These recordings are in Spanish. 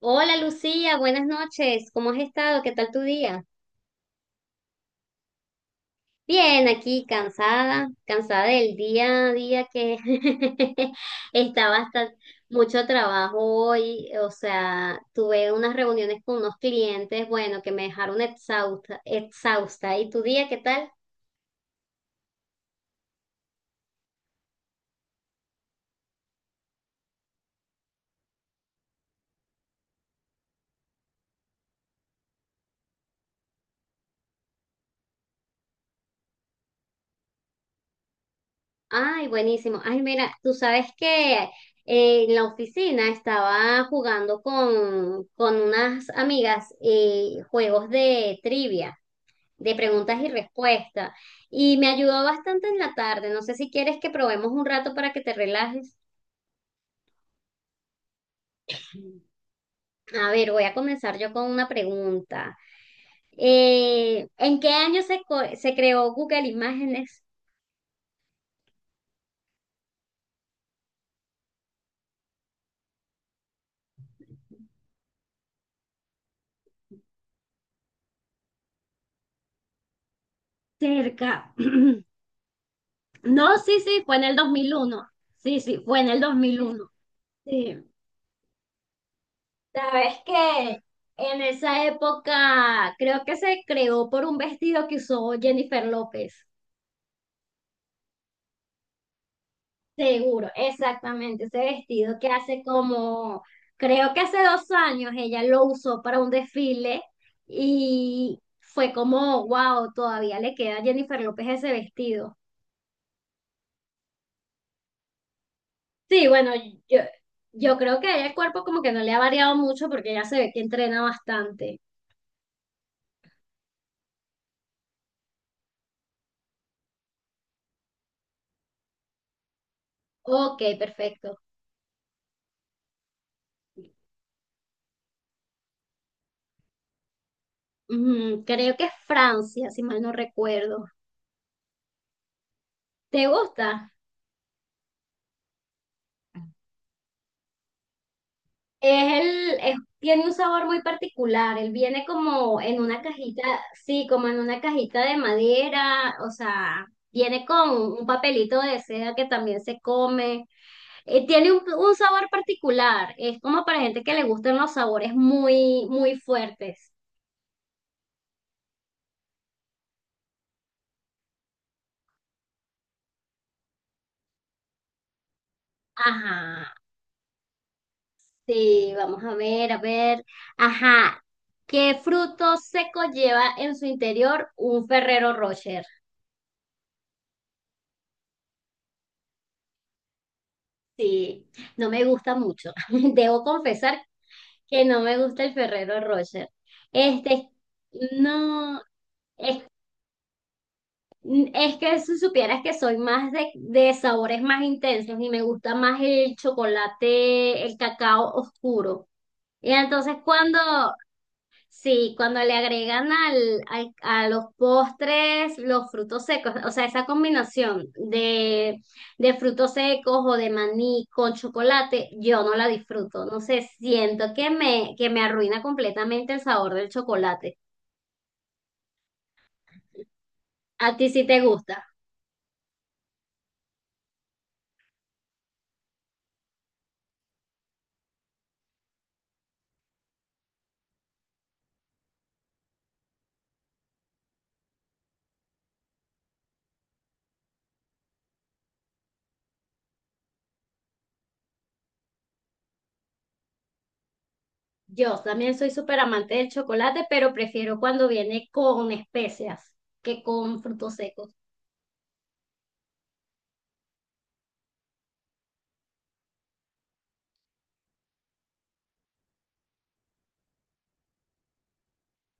Hola Lucía, buenas noches. ¿Cómo has estado? ¿Qué tal tu día? Bien, aquí cansada, cansada del día a día que está bastante mucho trabajo hoy. O sea, tuve unas reuniones con unos clientes, bueno, que me dejaron exhausta, exhausta. ¿Y tu día qué tal? Ay, buenísimo. Ay, mira, tú sabes que en la oficina estaba jugando con unas amigas, juegos de trivia, de preguntas y respuestas. Y me ayudó bastante en la tarde. No sé si quieres que probemos un rato para que te relajes. A ver, voy a comenzar yo con una pregunta. ¿En qué año se creó Google Imágenes? Cerca. No, sí, sí, fue en el 2001. Sí, sí, fue en el dos mil uno. Sí. Sabes que en esa época creo que se creó por un vestido que usó Jennifer López. Seguro, exactamente, ese vestido que hace como, creo que hace 2 años ella lo usó para un desfile y fue como, wow, todavía le queda a Jennifer López ese vestido. Sí, bueno, yo, yo creo que a ella el cuerpo como que no le ha variado mucho porque ya se ve que entrena bastante. Ok, perfecto. Creo que es Francia, si mal no recuerdo. ¿Te gusta? Tiene un sabor muy particular. Él viene como en una cajita, sí, como en una cajita de madera, o sea, viene con un papelito de seda que también se come. Tiene un sabor particular. Es como para gente que le gustan los sabores muy, muy fuertes. Ajá. Sí, vamos a ver, a ver. Ajá. ¿Qué fruto seco lleva en su interior un Ferrero Rocher? Sí, no me gusta mucho. Debo confesar que no me gusta el Ferrero Rocher. Este, no, es, es que si supieras que soy más de, sabores más intensos y me gusta más el chocolate, el cacao oscuro. Y entonces cuando Sí, cuando le agregan a los postres los frutos secos, o sea, esa combinación de frutos secos o de maní con chocolate, yo no la disfruto. No sé, siento que me arruina completamente el sabor del chocolate. A ti sí te gusta. Yo también soy súper amante del chocolate, pero prefiero cuando viene con especias que con frutos secos.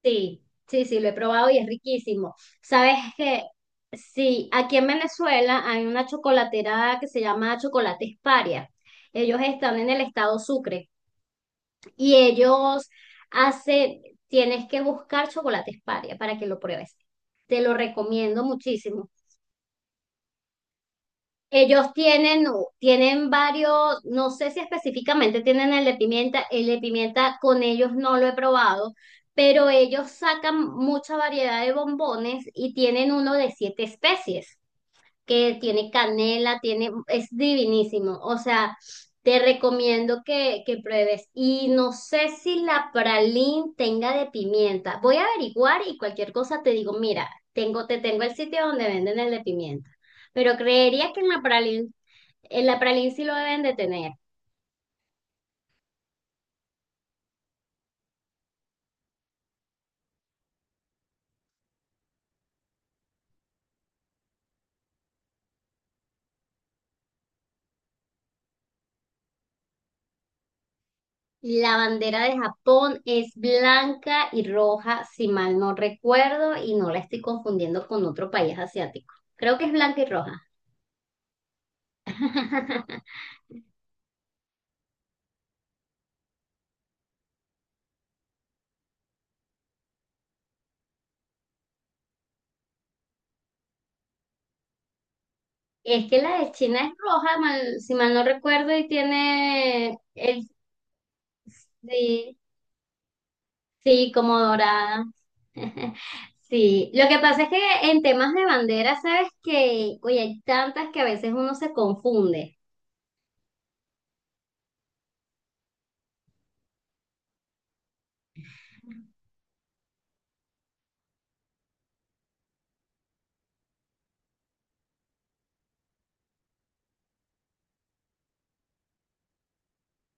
Sí, sí, sí, lo he probado y es riquísimo. Sabes que sí, aquí en Venezuela hay una chocolatera que se llama Chocolates Paria. Ellos están en el estado Sucre y ellos hacen, tienes que buscar Chocolates Paria para que lo pruebes. Te lo recomiendo muchísimo. Ellos tienen varios, no sé si específicamente tienen el de pimienta con ellos no lo he probado, pero ellos sacan mucha variedad de bombones y tienen uno de siete especies que tiene canela, tiene, es divinísimo. O sea, te recomiendo que pruebes. Y no sé si la pralín tenga de pimienta. Voy a averiguar y cualquier cosa te digo, mira, te tengo el sitio donde venden el de pimienta. Pero creería que en la pralín sí lo deben de tener. La bandera de Japón es blanca y roja, si mal no recuerdo, y no la estoy confundiendo con otro país asiático. Creo que es blanca y roja. Es que la de China es roja, si mal no recuerdo. Y tiene el Sí, sí, como dorada. Sí, lo que pasa es que en temas de bandera, sabes que, oye, hay tantas que a veces uno se confunde.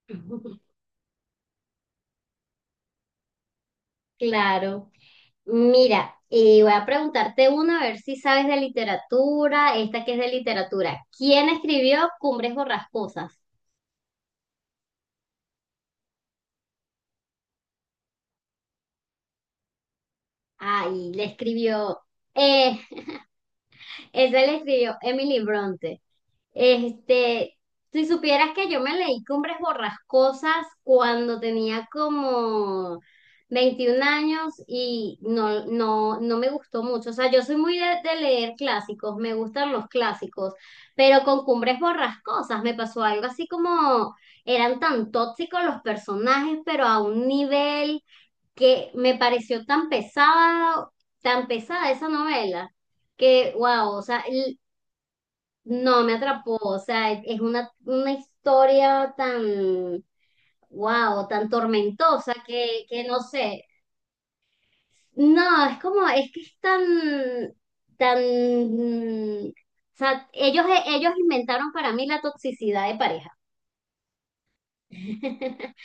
Claro. Mira, y voy a preguntarte una, a ver si sabes de literatura, esta que es de literatura. ¿Quién escribió Cumbres Borrascosas? Ay, eh, esa le escribió Emily Bronte. Este, si supieras que yo me leí Cumbres Borrascosas cuando tenía como 21 años y no, no, no me gustó mucho. O sea, yo soy muy de leer clásicos, me gustan los clásicos, pero con Cumbres Borrascosas me pasó algo así como eran tan tóxicos los personajes, pero a un nivel que me pareció tan pesado, tan pesada esa novela que, wow, o sea, no, me atrapó, o sea, es una historia tan, wow, tan tormentosa que no sé, no, es como, es que es tan, tan, o sea, ellos inventaron para mí la toxicidad de pareja.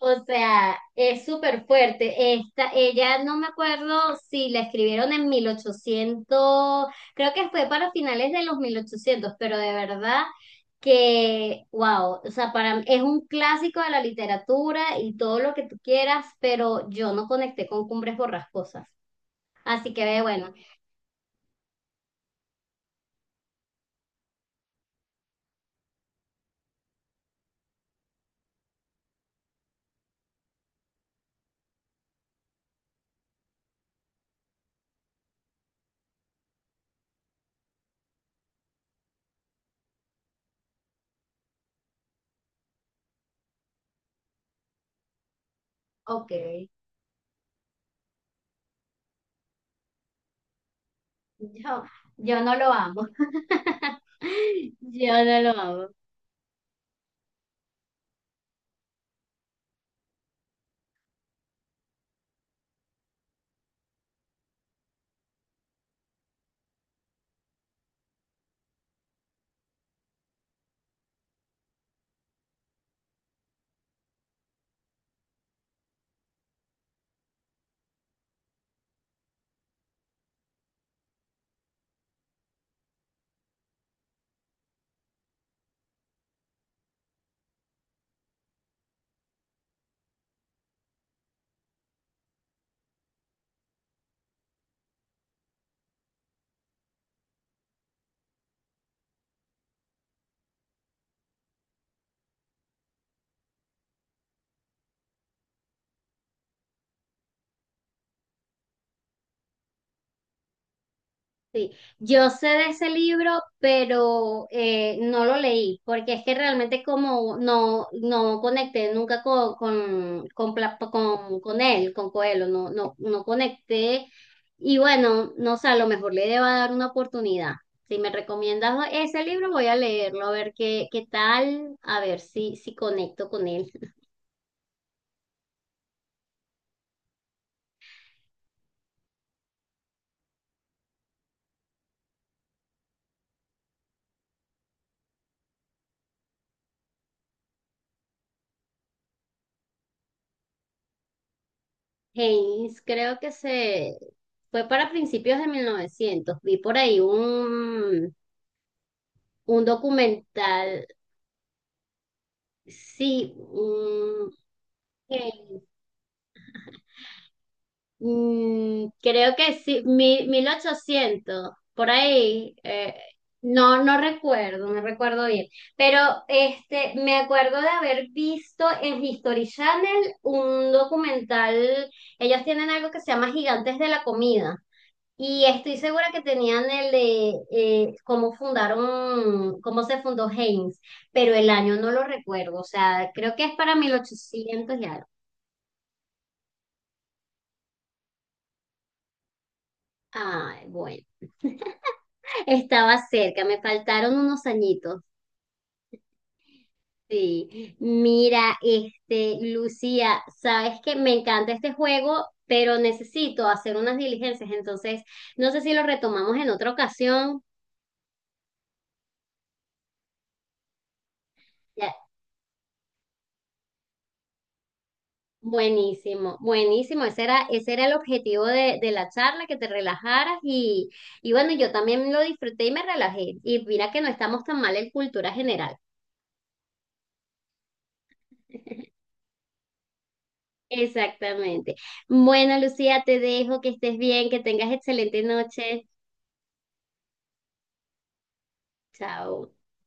O sea, es súper fuerte. Esta, ella no me acuerdo si la escribieron en 1800. Creo que fue para finales de los 1800, pero de verdad que, wow, o sea, para, es un clásico de la literatura y todo lo que tú quieras, pero yo no conecté con Cumbres Borrascosas. Así que, ve, bueno, ok, yo, yo no lo amo, yo no lo amo. Sí, yo sé de ese libro, pero no lo leí, porque es que realmente como no, no conecté nunca con él, con Coelho, no, no, no conecté. Y bueno, no sé, a lo mejor le deba dar una oportunidad. Si me recomiendas ese libro, voy a leerlo, a ver qué tal, a ver si conecto con él. Haynes, creo que se fue para principios de 1900. Vi por ahí un documental, sí. Eh, Creo que sí, 1800 por ahí, no, no recuerdo, no recuerdo bien, pero este, me acuerdo de haber visto en History Channel un documental, ellos tienen algo que se llama Gigantes de la Comida. Y estoy segura que tenían el de cómo se fundó Heinz, pero el año no lo recuerdo, o sea, creo que es para 1800 y algo. Ay, bueno, estaba cerca, me faltaron unos añitos. Sí, mira, este, Lucía, sabes que me encanta este juego, pero necesito hacer unas diligencias, entonces no sé si lo retomamos en otra ocasión. Buenísimo, buenísimo. Ese era el objetivo de la charla, que te relajaras y bueno, yo también lo disfruté y me relajé. Y mira que no estamos tan mal en cultura general. Exactamente. Bueno, Lucía, te dejo, que estés bien, que tengas excelente noche. Chao.